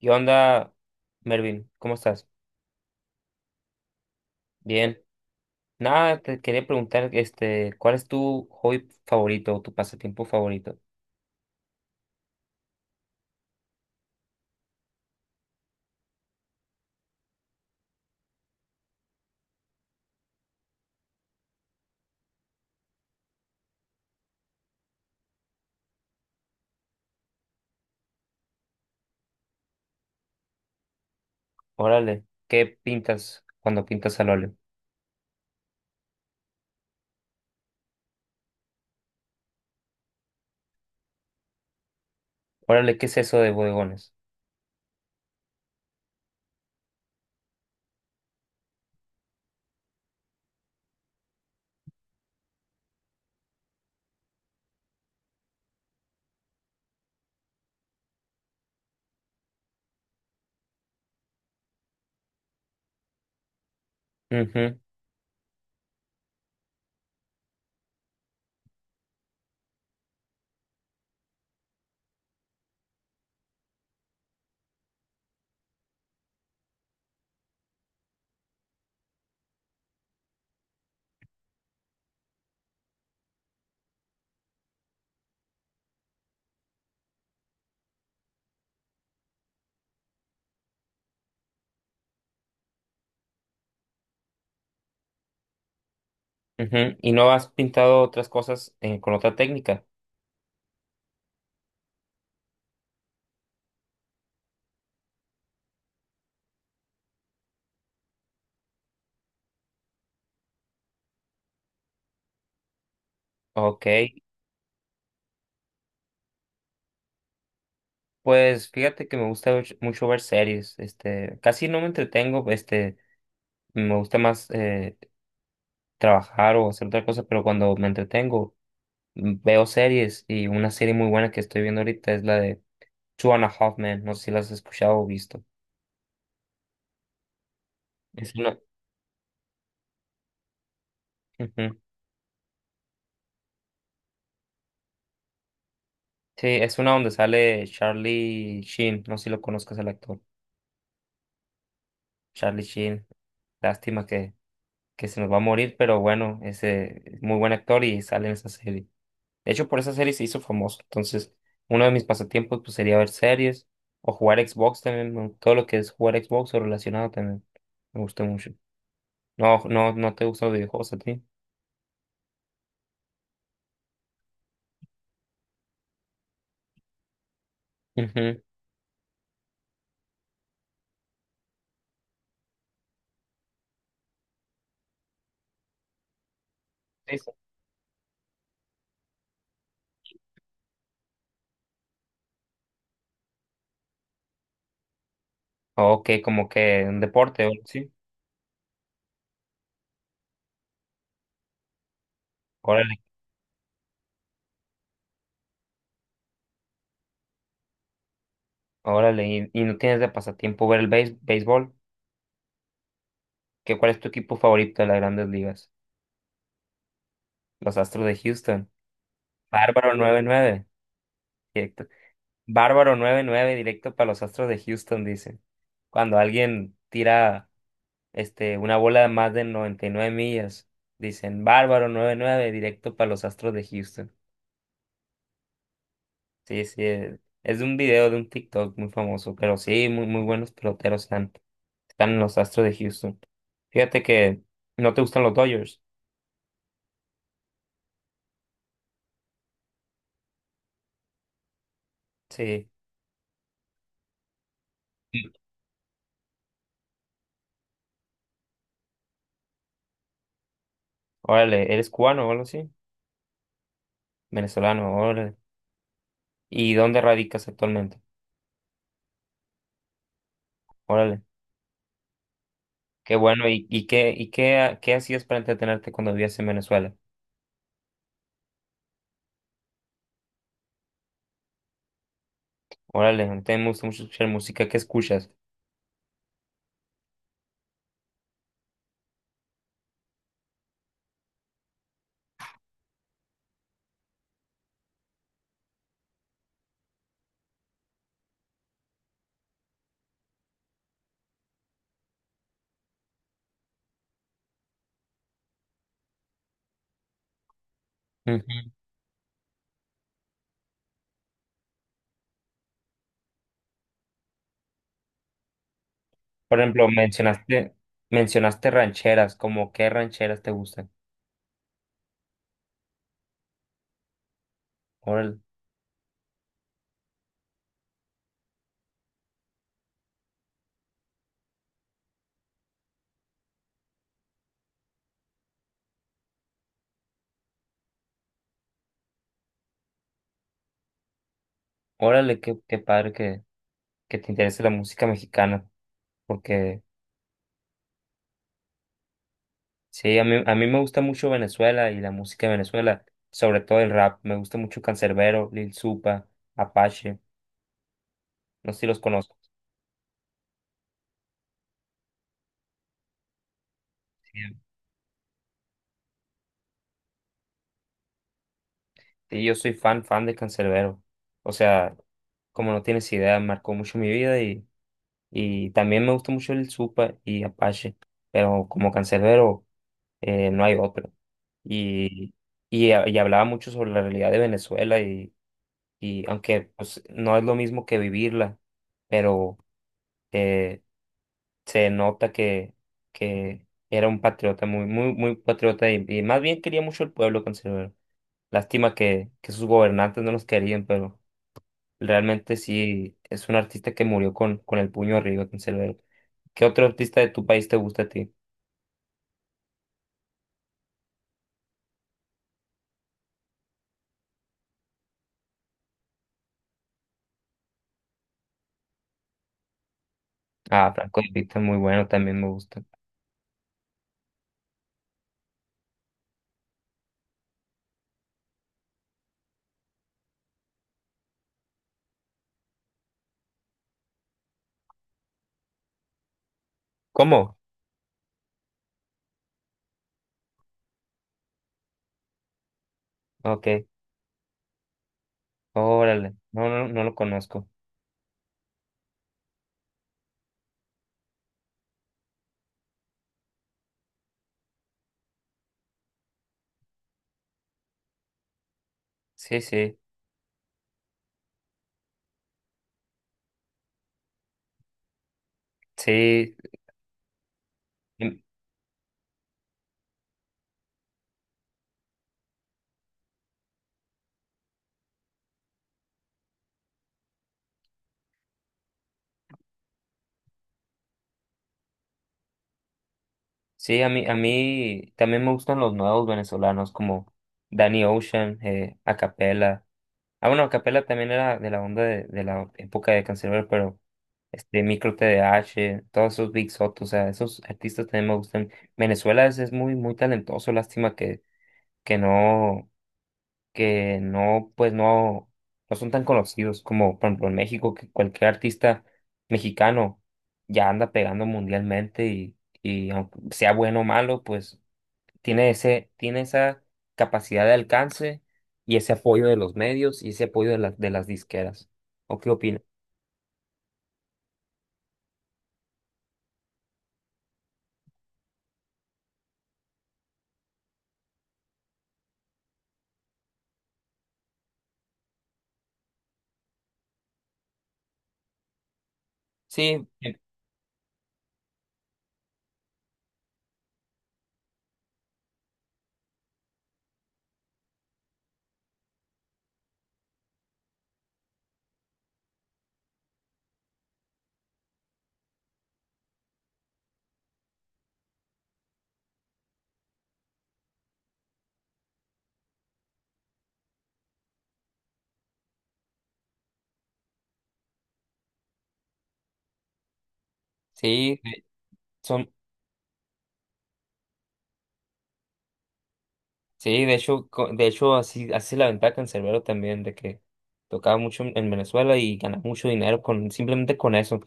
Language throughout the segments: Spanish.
¿Qué onda, Mervin? ¿Cómo estás? Bien. Nada, te quería preguntar, ¿cuál es tu hobby favorito o tu pasatiempo favorito? Órale, ¿qué pintas cuando pintas al óleo? Órale, ¿qué es eso de bodegones? Ujú. Ujú. ¿Y no has pintado otras cosas con otra técnica? Ok, pues fíjate que me gusta mucho ver series, casi no me entretengo, me gusta más trabajar o hacer otra cosa, pero cuando me entretengo veo series, y una serie muy buena que estoy viendo ahorita es la de Two and a Half Men. No sé si la has escuchado o visto. Es una. Ujú. Sí, es una donde sale Charlie Sheen. No sé si lo conozcas, el actor. Charlie Sheen. Lástima que se nos va a morir, pero bueno, ese es muy buen actor y sale en esa serie. De hecho, por esa serie se hizo famoso. Entonces, uno de mis pasatiempos, pues, sería ver series o jugar Xbox también, ¿no? Todo lo que es jugar Xbox o relacionado también. Me gusta mucho. No, no, no te gustan los videojuegos a ti. Ujú. Sí, sí. Ok, como que un deporte, sí. Órale, órale. ¿Y no tienes de pasatiempo ver el béisbol? ¿ cuál es tu equipo favorito de las grandes ligas? Los Astros de Houston. Bárbaro 99 directo. Bárbaro 99 directo para los Astros de Houston, dicen. Cuando alguien tira, una bola de más de 99 millas, dicen bárbaro 99 directo para los Astros de Houston. Sí, sí. Es de un video de un TikTok muy famoso, pero sí, muy, muy buenos peloteros han. Están en los Astros de Houston. Fíjate que no te gustan los Dodgers. Sí. Sí. Órale, ¿eres cubano o algo así? Venezolano, órale. ¿Y dónde radicas actualmente? Órale. Qué bueno. ¿Y qué hacías para entretenerte cuando vivías en Venezuela? Órale, a mí también me gusta mucho escuchar música. ¿Qué escuchas? Ujú. Por ejemplo, mencionaste rancheras. ¿Como qué rancheras te gustan? Órale, órale, qué padre que te interese la música mexicana, porque sí. A mí me gusta mucho Venezuela y la música de Venezuela, sobre todo el rap. Me gusta mucho Canserbero, Lil Supa, Apache. No sé si los conozco. Sí, sí, yo soy fan, fan de Canserbero. O sea, como no tienes idea, marcó mucho mi vida, y también me gusta mucho Lil Supa y Apache. Pero como Canserbero, no hay otro. Y, y hablaba mucho sobre la realidad de Venezuela, y aunque, pues, no es lo mismo que vivirla, pero eh, se nota que era un patriota, muy, muy, muy patriota, y más bien quería mucho el pueblo conservador. Lástima que sus gobernantes no los querían, pero realmente sí es un artista que murió con el puño arriba, conservador. ¿Qué otro artista de tu país te gusta a ti? Ah, Franco de Vita, muy bueno, también me gusta. ¿Cómo? Ok, órale, no, no, no lo conozco. Sí, sí, sí. Sí, a mí, también me gustan los nuevos venezolanos como Danny Ocean, Acapella. Ah, bueno, Acapella también era de la onda de la época de Canserbero, pero este Micro TDH, todos esos Big Soto, o sea, esos artistas también me gustan. Venezuela es muy, muy talentoso. Lástima que no, que no, pues no son tan conocidos como, por ejemplo, en México, que cualquier artista mexicano ya anda pegando mundialmente, y aunque sea bueno o malo, pues tiene ese, tiene esa capacidad de alcance y ese apoyo de los medios y ese apoyo de las disqueras. ¿O qué opinas? Sí, sí, son. Sí, de hecho, de hecho, así es la ventaja en Cerbero también, de que tocaba mucho en Venezuela y ganaba mucho dinero con, simplemente con eso.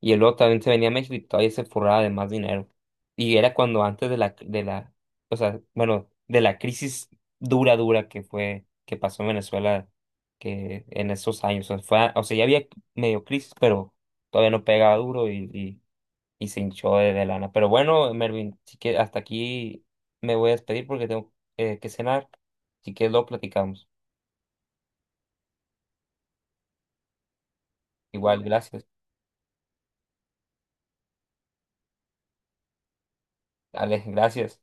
Y luego también se venía a México y todavía se forraba de más dinero. Y era cuando antes o sea, bueno, de la crisis dura, dura que fue, que pasó en Venezuela, que en esos años, o sea, fue, o sea, ya había medio crisis, pero todavía no pegaba duro, y se hinchó de lana. Pero bueno, Mervin, sí que hasta aquí me voy a despedir porque tengo, que cenar. Si quieres, lo platicamos. Igual, gracias. Alex, gracias.